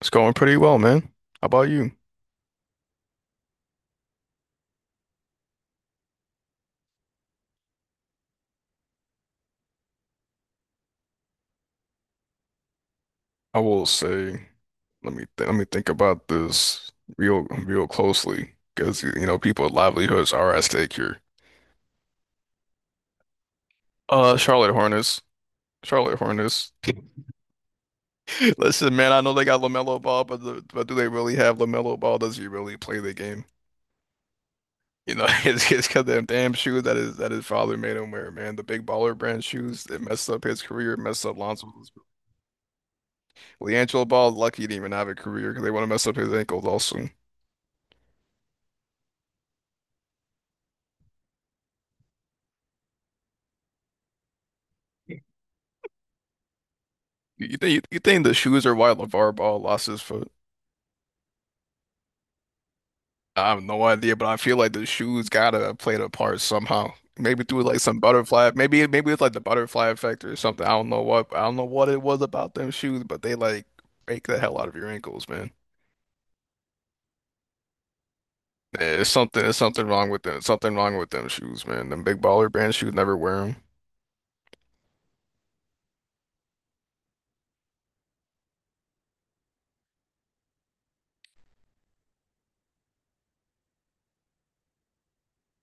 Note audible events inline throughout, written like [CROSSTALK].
It's going pretty well, man. How about you? I will say, let me th let me think about this real closely because you know people's livelihoods are at stake here. Charlotte Hornets, Charlotte Hornets. [LAUGHS] Listen, man, I know they got LaMelo Ball, but do they really have LaMelo Ball? Does he really play the game? You know, [LAUGHS] it's 'cause them damn shoes that his father made him wear, man. The big baller brand shoes that messed up his career, messed up Lonzo's. LiAngelo Ball, lucky he didn't even have a career because they want to mess up his ankles also. You think the shoes are why LeVar Ball lost his foot? I have no idea, but I feel like the shoes gotta have played a part somehow. Maybe through like some butterfly, maybe it's like the butterfly effect or something. I don't know what it was about them shoes, but they like break the hell out of your ankles, man. Yeah, it's something wrong with them. Something wrong with them shoes, man. Them big baller brand shoes never wear them.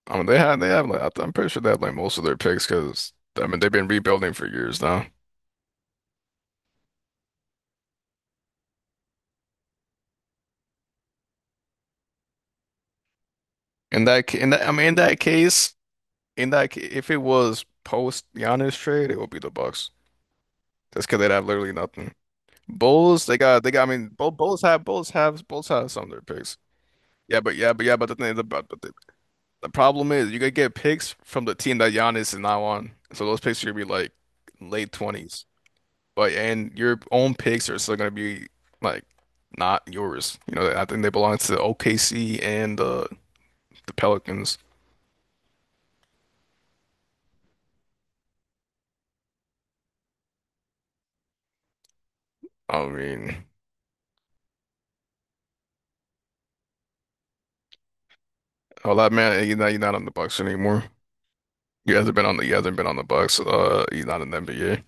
I mean, they have like I'm pretty sure they have like most of their picks because I mean they've been rebuilding for years now. In that, ca- in that, I mean, in that case, in that, ca- If it was post Giannis trade, it would be the Bucks. That's because they'd have literally nothing. Bulls, they got, they got. I mean, both Bulls have, Bulls have, Bulls have some of their picks. Yeah, but yeah, but yeah, but the thing, the, but The problem is you could get picks from the team that Giannis is now on. So those picks are gonna be like late 20s, but and your own picks are still gonna be like not yours. You know, I think they belong to OKC and the Pelicans. I mean. Oh, that man, you're not on the Bucks anymore. You hasn't been on the Bucks. You're not in the NBA.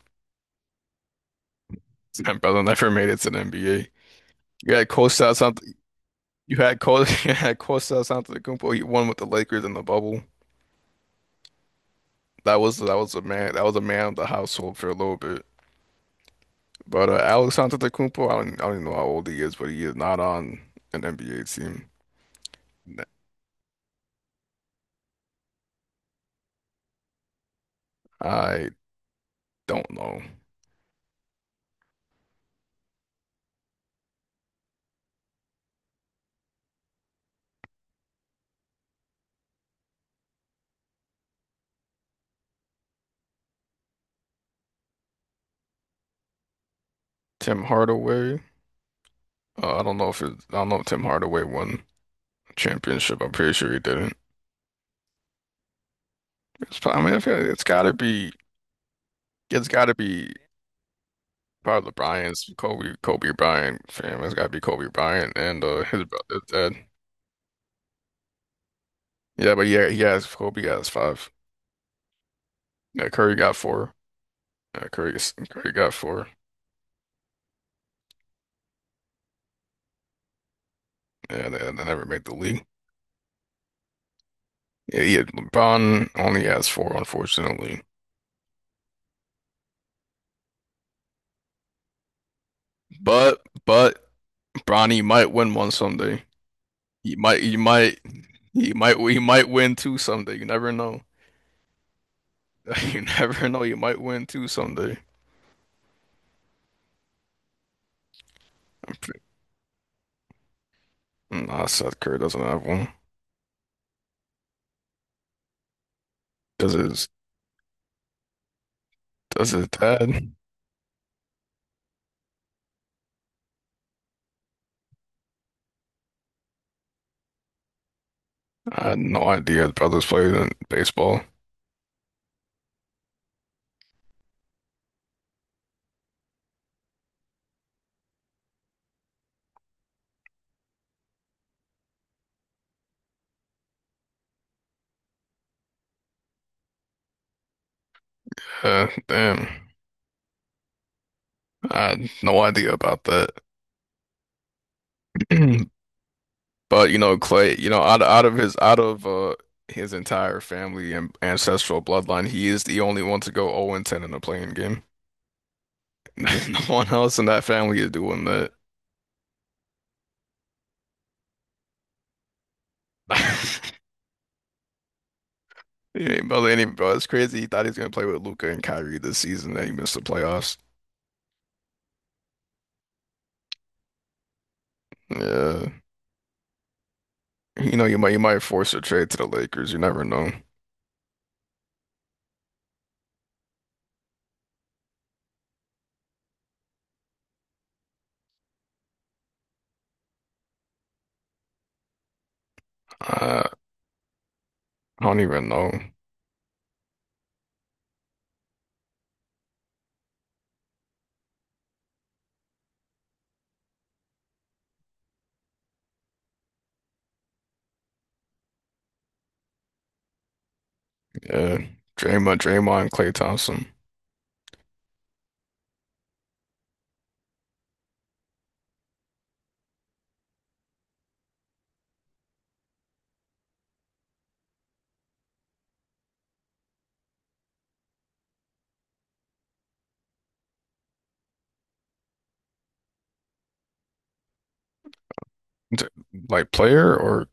Sam Bell [LAUGHS] never made it to the NBA. You had Kostas Sant you had Kostas [LAUGHS] you had Kostas Antetokounmpo. He won with the Lakers in the bubble. That was a man of the household for a little bit. But Alex Antetokounmpo, I don't even know how old he is, but he is not on an NBA team. I don't know. Tim Hardaway. I don't know if it, I don't know if Tim Hardaway won a championship. I'm pretty sure he didn't. It's probably, I mean, I feel like it's gotta be part of the Bryant's Kobe, Kobe Bryant fam. It's gotta be Kobe Bryant and his brother Ted. Yeah, he has Kobe has five. Yeah, Curry got four. Yeah, Curry, Curry got four. Yeah, they never made the league. Yeah, yeah, LeBron only has four, unfortunately. But but Bronny might win one someday. He might, he might, he might, he might win two someday. You never know. [LAUGHS] You never know. You might win two someday. Mm, nah, Seth Curry doesn't have one. Does his does his dad? I had no idea his brothers played in baseball. Yeah, damn. I had no idea about that. [CLEARS THROAT] But you know, Clay, you know, out of his entire family and ancestral bloodline, he is the only one to go 0-10 and ten in a playing game. [LAUGHS] No one else in that family is doing that. [LAUGHS] He ain't about to any bro. It's crazy. He thought he was gonna play with Luca and Kyrie this season, and he missed the playoffs. Yeah. You know, you might force a trade to the Lakers. You never know. Uh, I don't even know. Yeah, Draymond, Klay Thompson, D like player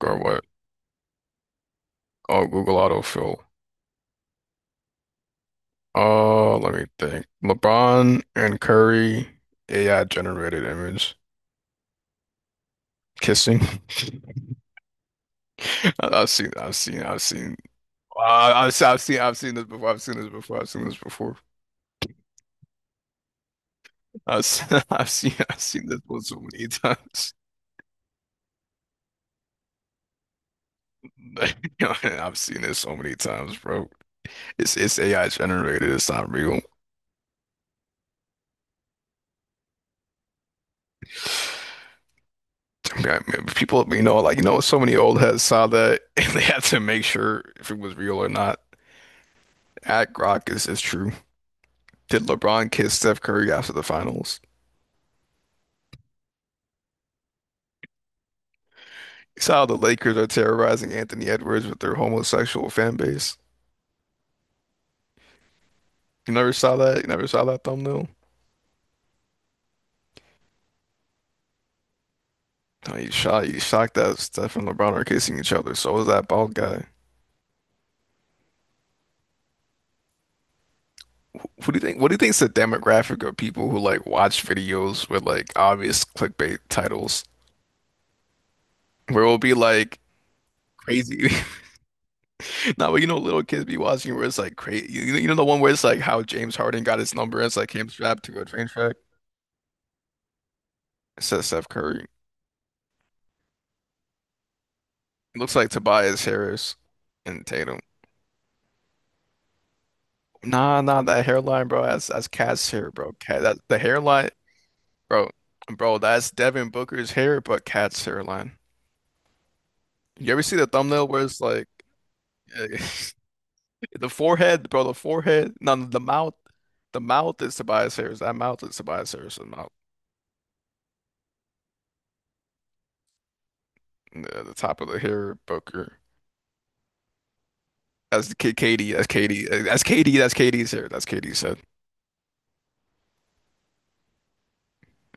or what? Oh, Google autofill. Oh, let me think. LeBron and Curry, AI generated image kissing. [LAUGHS] I've seen. Uh, I've seen, I've seen this before. [LAUGHS] I've seen this one so many [LAUGHS] times. [LAUGHS] Yo, I've seen this so many times, bro. It's AI generated. It's not real. People, you know, so many old heads saw that, [LAUGHS] and they had to make sure if it was real or not. At Grok is true. Did LeBron kiss Steph Curry after the finals? You saw how the Lakers are terrorizing Anthony Edwards with their homosexual fan base. You never saw that? You never saw that thumbnail? No, you shot. You shocked that Steph and LeBron are kissing each other. So was that bald guy. Who do you think? What do you think's the demographic of people who like watch videos with like obvious clickbait titles, where it'll be like crazy? [LAUGHS] Now, you know, little kids be watching where it's like crazy. You know the one where it's like how James Harden got his number. It's like him strapped to a train track. It says Steph Curry. It looks like Tobias Harris and Tatum. Nah, nah, that hairline, bro. That's Cat's hair, bro. Cat, that the hairline, bro, bro. That's Devin Booker's hair, but Cat's hairline. You ever see the thumbnail where it's like? [LAUGHS] The forehead, bro, the forehead. No, the mouth. The mouth is Tobias Harris. That mouth is Tobias Harris. The top of the hair, Booker. That's K Katie. That's Katie. That's Katie's hair. That's Katie's head.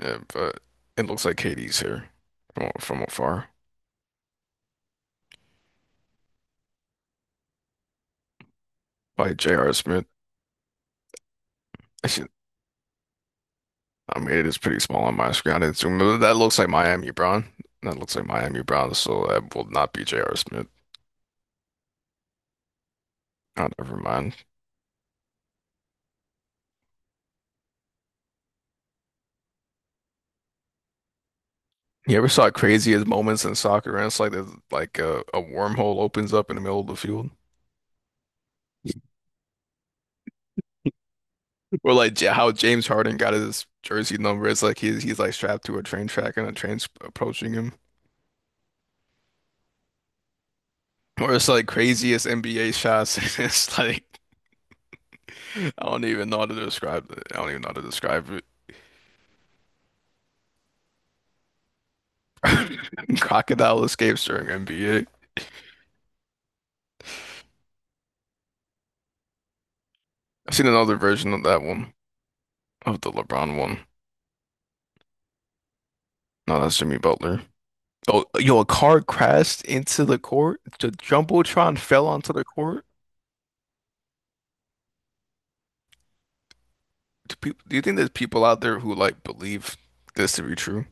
Yeah, but it looks like Katie's hair from afar. By J.R. Smith. I should, I mean, it is pretty small on my screen. I didn't zoom. In. That looks like Miami Brown. That looks like Miami Brown. So that will not be J.R. Smith. Oh, never mind. You ever saw craziest moments in soccer? And it's like there's like a wormhole opens up in the middle of the field, or like how James Harden got his jersey number. It's like he's like strapped to a train track and a train's approaching him, or it's like craziest NBA shots. [LAUGHS] It's like I don't even know how to describe it. [LAUGHS] Crocodile escapes during NBA. I've seen another version of that one, of the LeBron one. No, that's Jimmy Butler. Oh, yo, a car crashed into the court. The Jumbotron fell onto the court. Do people, do you think there's people out there who like believe this to be true?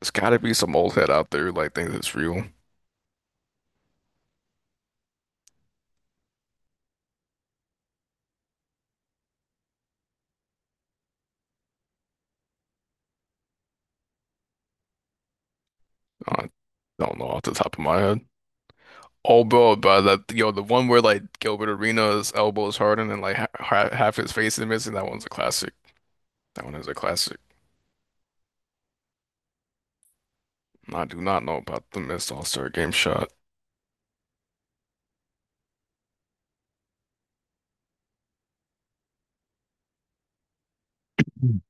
There's gotta be some old head out there who like thinks it's real. I don't know off the top of my head. Oh, bro, but that yo, the one where like Gilbert Arenas' elbow is hardened and like half his face is missing. That one's a classic. That one is a classic. I do not know about the missed All-Star game shot. Mm.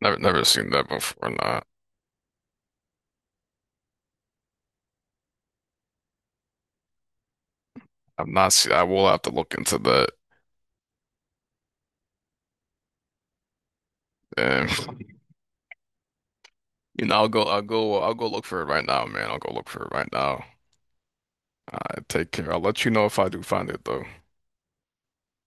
Never seen that before. Nah, I've not seen. I will have to look into that. And, [LAUGHS] you know, I'll go look for it right now, man. I'll go look for it right now. I take care. I'll let you know if I do find it though.